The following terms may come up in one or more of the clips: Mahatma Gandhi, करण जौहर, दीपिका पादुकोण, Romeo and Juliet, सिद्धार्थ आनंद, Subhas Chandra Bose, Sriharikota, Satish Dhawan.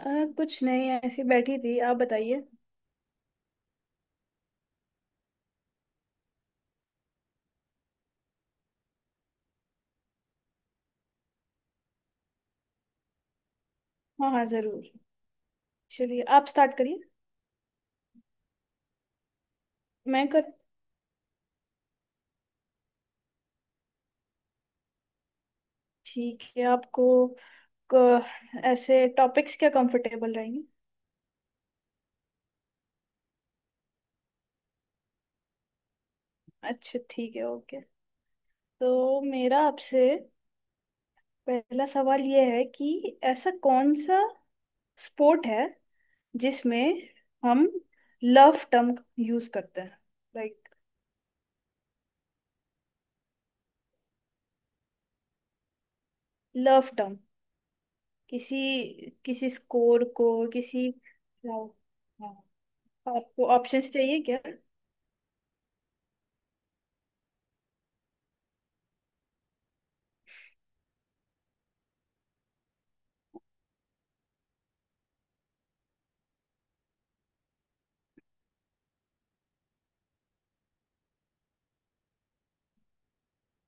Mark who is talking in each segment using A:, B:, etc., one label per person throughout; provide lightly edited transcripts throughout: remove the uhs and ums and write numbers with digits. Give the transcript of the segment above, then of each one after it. A: अ, कुछ नहीं। ऐसे बैठी थी, आप बताइए। हाँ हाँ, जरूर। चलिए, आप स्टार्ट करिए। मैं कर। ठीक है आपको क- ऐसे टॉपिक्स क्या कंफर्टेबल रहेंगे? अच्छा, ठीक है, ओके। तो मेरा आपसे पहला सवाल ये है कि ऐसा कौन सा स्पोर्ट है जिसमें हम लव टर्म यूज करते हैं। लाइक लव टर्म किसी किसी स्कोर को किसी। हाँ हाँ। आपको ऑप्शंस चाहिए क्या?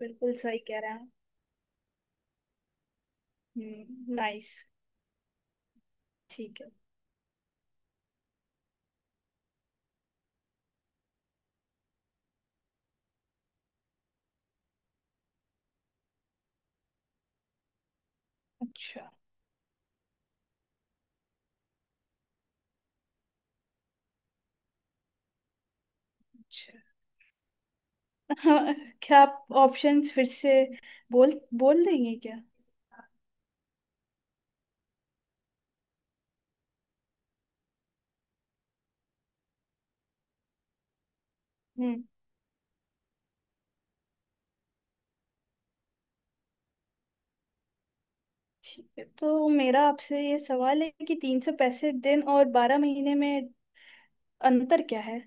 A: बिल्कुल सही कह रहे हैं। नाइस। ठीक है। अच्छा। अच्छा। हाँ। क्या आप ऑप्शंस फिर से बोल बोल देंगे क्या? हम्म। ठीक है। तो मेरा आपसे ये सवाल है कि तीन सौ पैंसठ दिन और बारह महीने में अंतर क्या है?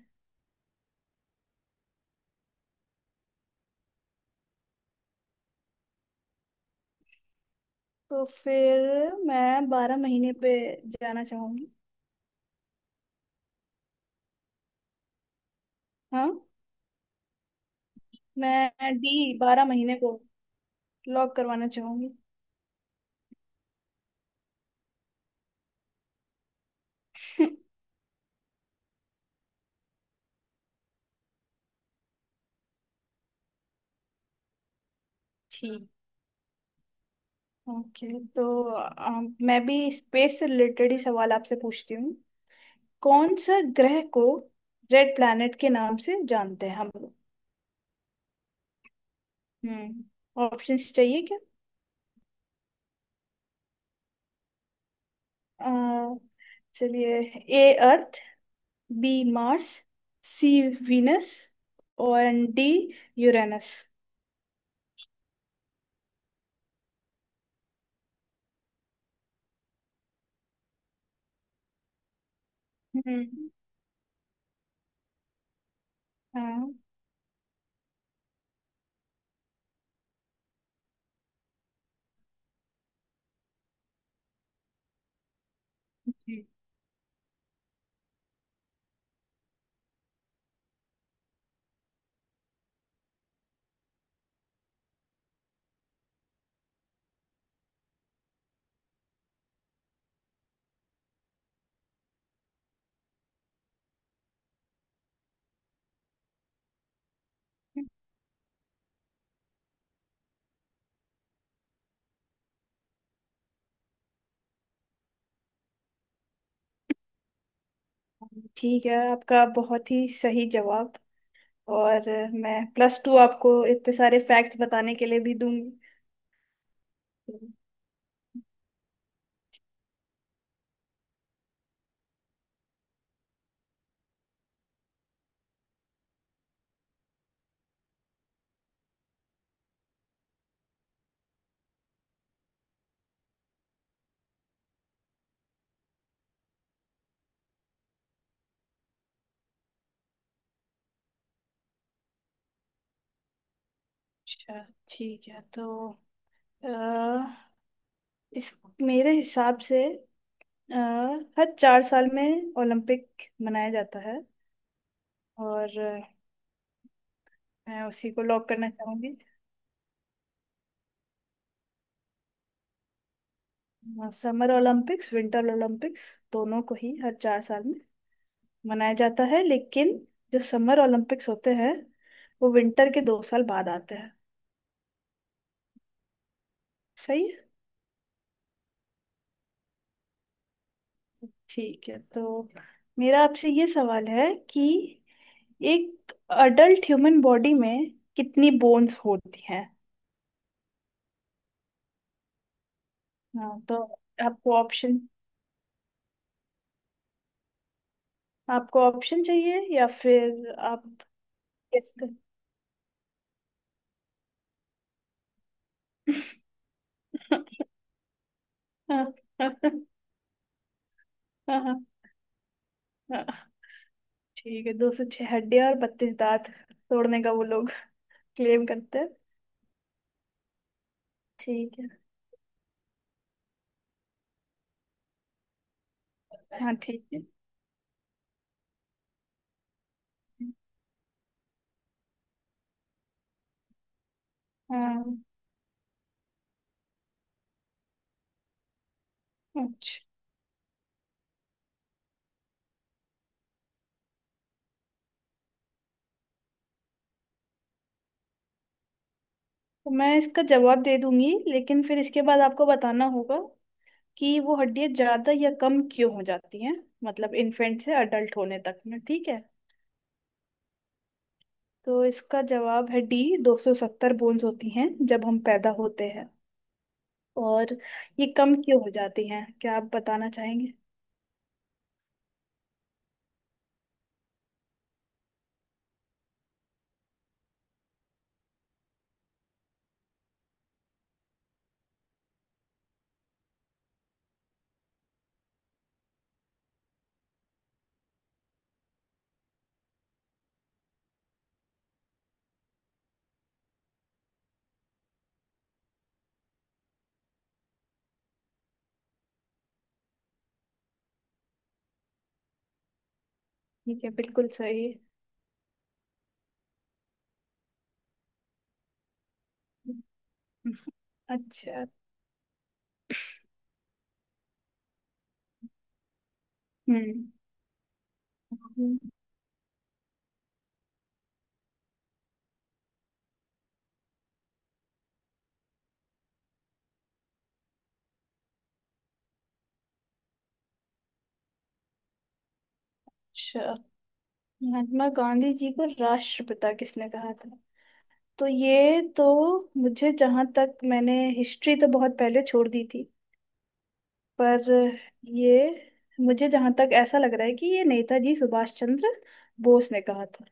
A: तो फिर मैं बारह महीने पे जाना चाहूंगी। हाँ। मैं डी बारह महीने को लॉक करवाना चाहूंगी। ठीक। ओके। तो मैं भी स्पेस से रिलेटेड ही सवाल आपसे पूछती हूँ। कौन सा ग्रह को रेड प्लैनेट के नाम से जानते हैं हम लोग? हम्म। ऑप्शंस चाहिए क्या? अ, चलिए। A Earth, B Mars, C Venus और डी यूरेनस। हम्म। हाँ। जी। ठीक है, आपका बहुत ही सही जवाब। और मैं प्लस टू आपको इतने सारे फैक्ट्स बताने के लिए भी दूंगी। अच्छा। ठीक है। तो अ, इस मेरे हिसाब से अ, हर चार साल में ओलंपिक मनाया जाता है। और मैं उसी को लॉक करना चाहूंगी। समर ओलंपिक्स विंटर ओलंपिक्स दोनों को ही हर चार साल में मनाया जाता है। लेकिन जो समर ओलंपिक्स होते हैं वो विंटर के दो साल बाद आते हैं। सही है? ठीक है। तो मेरा आपसे ये सवाल है कि एक अडल्ट ह्यूमन बॉडी में कितनी बोन्स होती हैं? हाँ तो आपको ऑप्शन आपको ऑप्शन चाहिए या फिर आप गेस कर? ठीक है। दो सौ छह हड्डियां और बत्तीस दांत तोड़ने का वो लोग क्लेम करते हैं। ठीक है। हाँ, ठीक है। हाँ। अच्छा, तो मैं इसका जवाब दे दूंगी, लेकिन फिर इसके बाद आपको बताना होगा कि वो हड्डियां ज्यादा या कम क्यों हो जाती हैं। मतलब इन्फेंट से अडल्ट होने तक में। ठीक है? तो इसका जवाब है डी। 270 बोन्स होती हैं जब हम पैदा होते हैं। और ये कम क्यों हो जाती हैं, क्या आप बताना चाहेंगे? ठीक है, बिल्कुल सही। अच्छा। हम्म। अच्छा। महात्मा गांधी जी को राष्ट्रपिता किसने कहा था? तो ये तो मुझे जहां तक, मैंने हिस्ट्री तो बहुत पहले छोड़ दी थी। पर ये मुझे जहां तक ऐसा लग रहा है कि ये नेताजी सुभाष चंद्र बोस ने कहा था।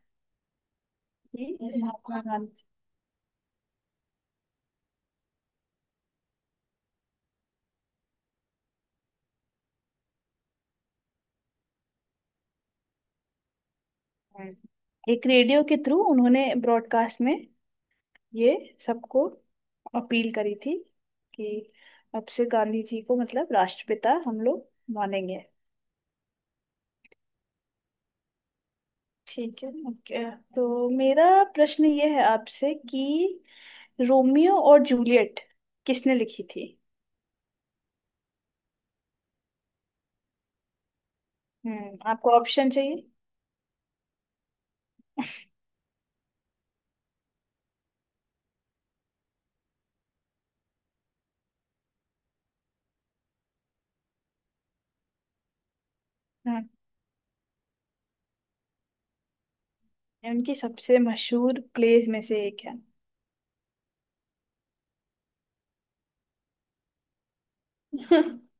A: ये महात्मा गांधी। एक रेडियो के थ्रू उन्होंने ब्रॉडकास्ट में ये सबको अपील करी थी कि अब से गांधी जी को मतलब राष्ट्रपिता हम लोग मानेंगे। ठीक है, ओके। तो मेरा प्रश्न ये है आपसे कि रोमियो और जूलियट किसने लिखी थी? हम्म, आपको ऑप्शन चाहिए? ये उनकी सबसे मशहूर प्लेस में से एक है।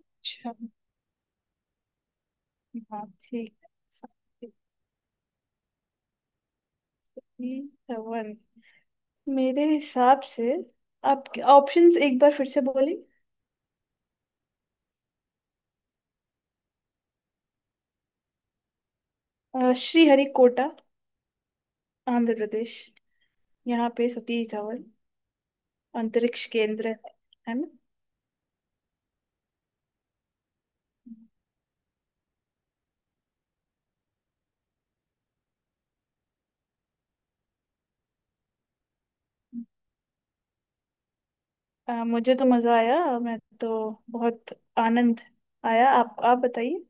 A: अच्छा। हाँ ठीक है, सावित्री धवन मेरे हिसाब से। आप ऑप्शंस एक बार फिर से बोले। श्रीहरिकोटा, आंध्र प्रदेश, यहाँ पे सतीश धवन अंतरिक्ष केंद्र है। है ना? मुझे तो मजा आया, मैं तो बहुत आनंद आया। आप बताइए।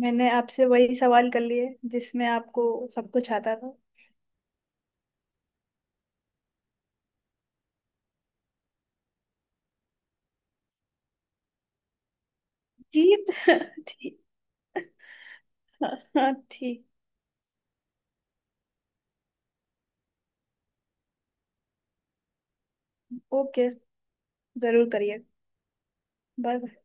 A: मैंने आपसे वही सवाल कर लिए जिसमें आपको सब कुछ आता था। जीत। ठीक। हाँ। हाँ, ठीक। ओके। जरूर करिए। बाय।